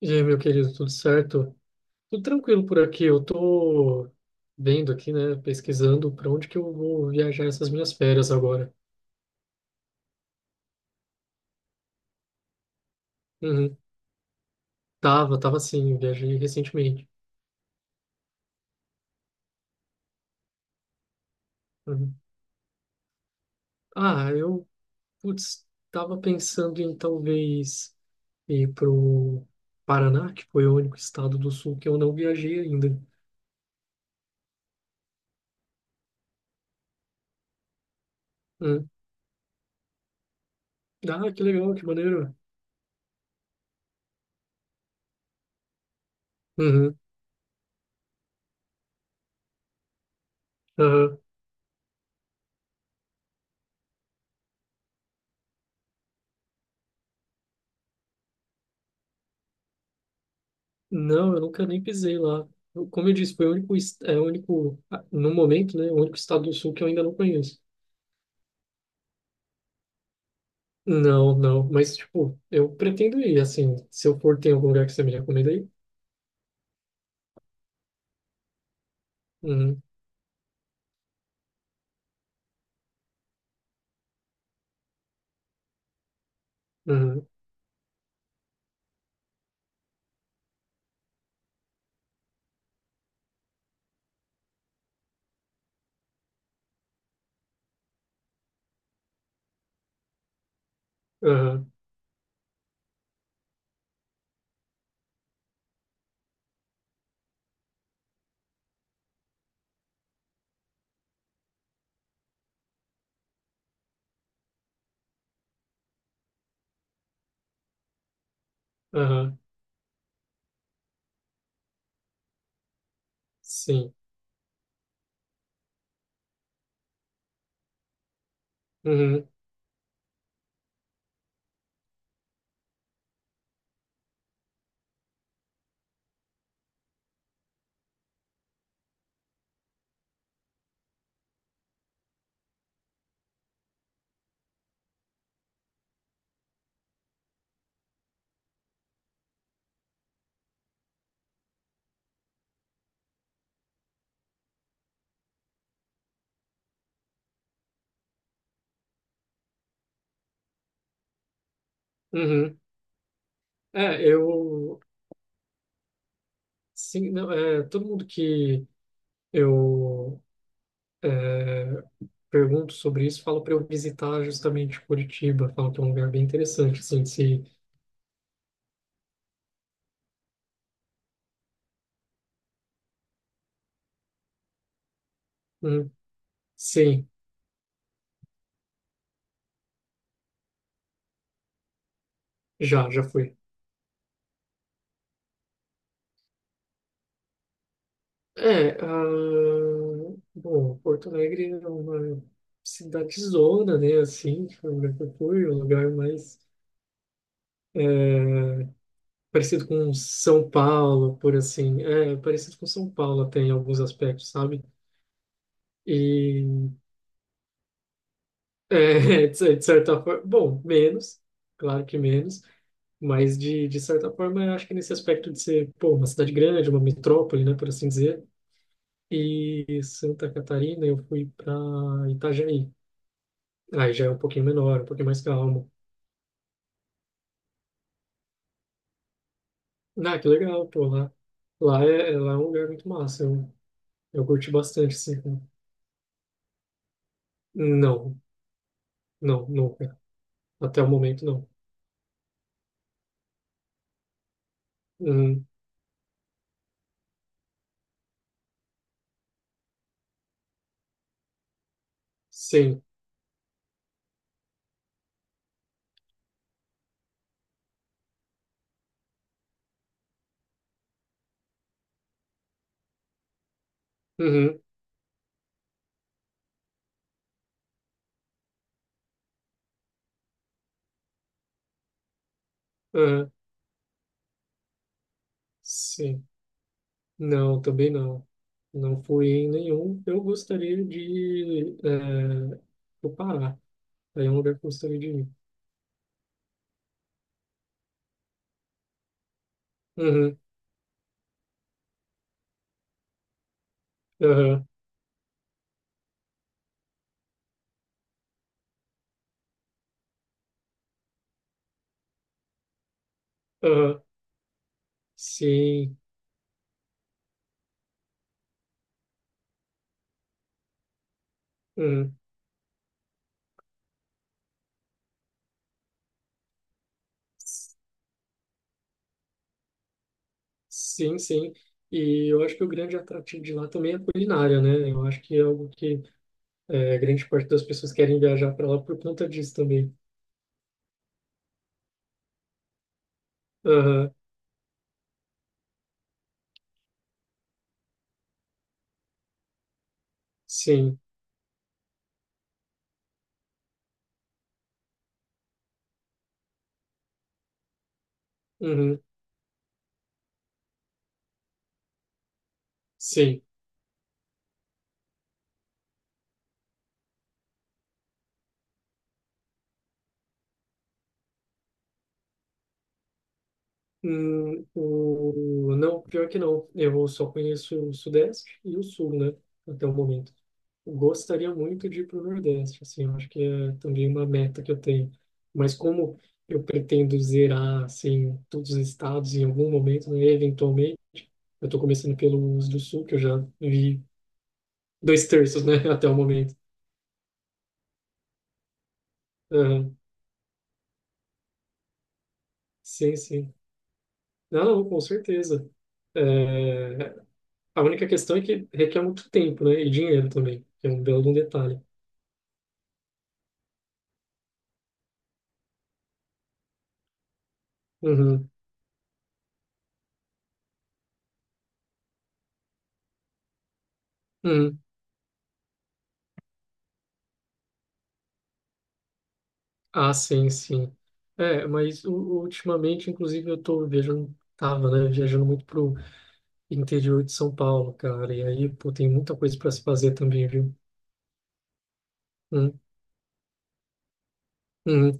E aí, meu querido, tudo certo? Tudo tranquilo por aqui. Eu tô vendo aqui, né, pesquisando para onde que eu vou viajar essas minhas férias agora. Uhum. Tava sim, eu viajei recentemente. Uhum. Ah, putz, tava pensando em talvez ir pro Paraná, que foi o único estado do sul que eu não viajei ainda. Uhum. Ah, que legal, que maneiro. Uhum. Aham. Não, eu nunca nem pisei lá. Como eu disse, foi o único, é o único, no momento, né, o único estado do sul que eu ainda não conheço. Não, não, mas, tipo, eu pretendo ir, assim, se eu for, tem algum lugar que você me recomenda aí? Uhum, uhum, aham, aham, sim, uhum, uhum. É, eu, sim, não, todo mundo que eu é, pergunto sobre isso fala para eu visitar justamente Curitiba, fala que é um lugar bem interessante, assim, se, hum, sim, já fui. É, a... Bom, Porto Alegre é uma cidadezona, né, assim, que foi um lugar que eu fui, um lugar mais é, parecido com São Paulo, por assim, parecido com São Paulo até em alguns aspectos, sabe? E, de de certa forma, bom, menos, claro que menos, mas de certa forma, eu acho que nesse aspecto de ser, pô, uma cidade grande, uma metrópole, né, por assim dizer. E Santa Catarina, eu fui para Itajaí. Aí já é um pouquinho menor, um pouquinho mais calmo. Ah, que legal, pô, lá. Lá é um lugar muito massa. Eu curti bastante, assim. Não, não, nunca. Até o momento, não. Uhum, sim. Uhum, uhum, sim. Não, também não. Não fui em nenhum. Eu gostaria de pro Pará. Aí é um lugar que eu gostaria de ir. Uhum, uhum, uhum, sim. Uhum. Sim, sim. E eu acho que o grande atrativo de lá também é a culinária, né? Eu acho que é algo que grande parte das pessoas querem viajar para lá por conta disso também. Aham, sim. Uhum, sim. Hum. Não, pior que não. Eu só conheço o Sudeste e o Sul, né? Até o momento. Gostaria muito de ir para o Nordeste, assim, eu acho que é também uma meta que eu tenho. Mas como eu pretendo zerar, assim, todos os estados em algum momento, né, eventualmente, eu tô começando pelo uso do sul, que eu já vi 2/3, né, até o momento. Aham. Sim, sim. Não, não, com certeza. É, a única questão é que requer muito tempo, né, e dinheiro também, que é um belo de um detalhe. Uhum, uhum. Ah, sim, sim. É, mas ultimamente, inclusive, eu tô viajando, tava, né, viajando muito pro interior de São Paulo, cara, e aí, pô, tem muita coisa para se fazer também, viu? Uhum, uhum.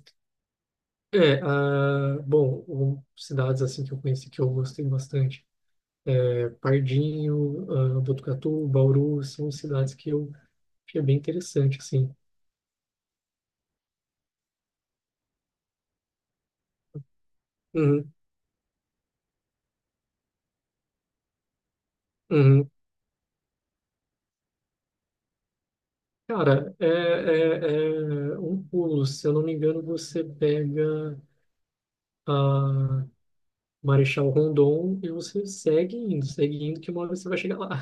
Bom, cidades assim que eu conheci que eu gostei bastante. Pardinho, Botucatu, Bauru, são cidades que eu achei bem interessante, assim. Uhum, uhum. Cara, é um pulo, se eu não me engano, você pega a Marechal Rondon e você segue indo, que uma hora você vai chegar lá.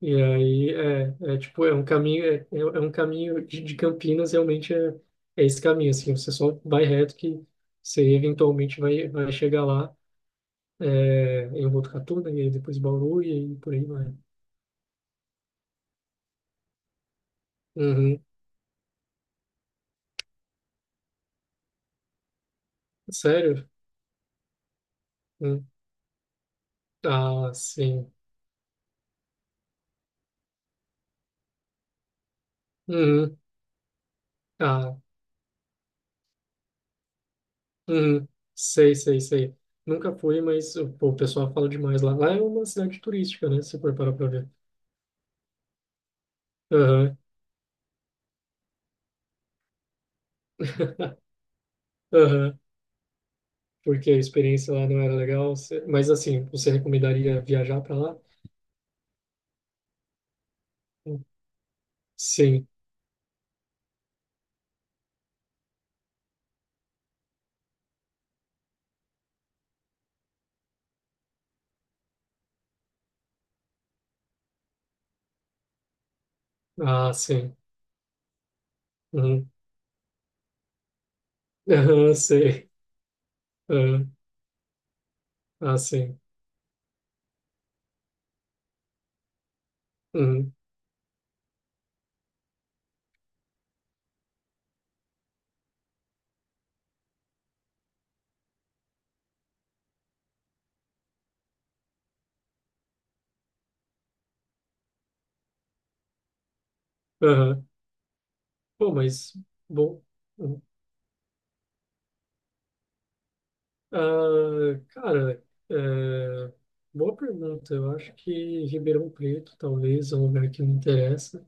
E aí é tipo, é um caminho, é um caminho de Campinas, realmente é esse caminho, assim, você só vai reto que você eventualmente vai chegar lá, em Botucatu, né, e aí depois Bauru, e aí por aí vai. Uhum. Sério? Hum. Ah, sim. Uhum. Ah, uhum. Sei, sei, sei. Nunca fui, mas pô, o pessoal fala demais lá. Lá é uma cidade turística, né, se você for parar pra ver. Aham. Aham. Porque a experiência lá não era legal. Mas assim, você recomendaria viajar para lá? Sim. Ah, sim. Uhum. Aham, sei. Aham. Ah, sim. Uhum. Aham. Pô, mas bom. Uhum. Ah, cara, é, boa pergunta. Eu acho que Ribeirão Preto talvez é um lugar que me interessa.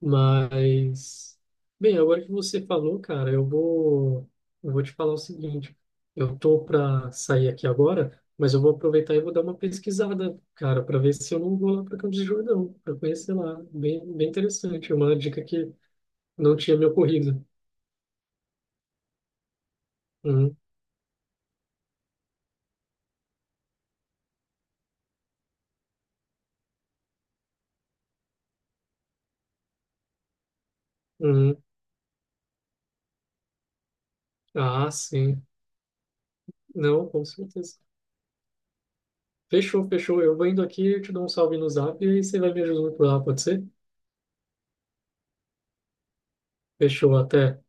Mas, bem, agora que você falou, cara, eu vou, te falar o seguinte. Eu tô para sair aqui agora, mas eu vou aproveitar e vou dar uma pesquisada, cara, para ver se eu não vou lá para Campos do Jordão, para conhecer lá. Bem, bem interessante, uma dica que não tinha me ocorrido. Uhum, uhum. Ah, sim. Não, com certeza. Fechou, fechou. Eu vou indo aqui, eu te dou um salve no Zap e aí você vai me ajudando por lá, pode ser? Fechou, até.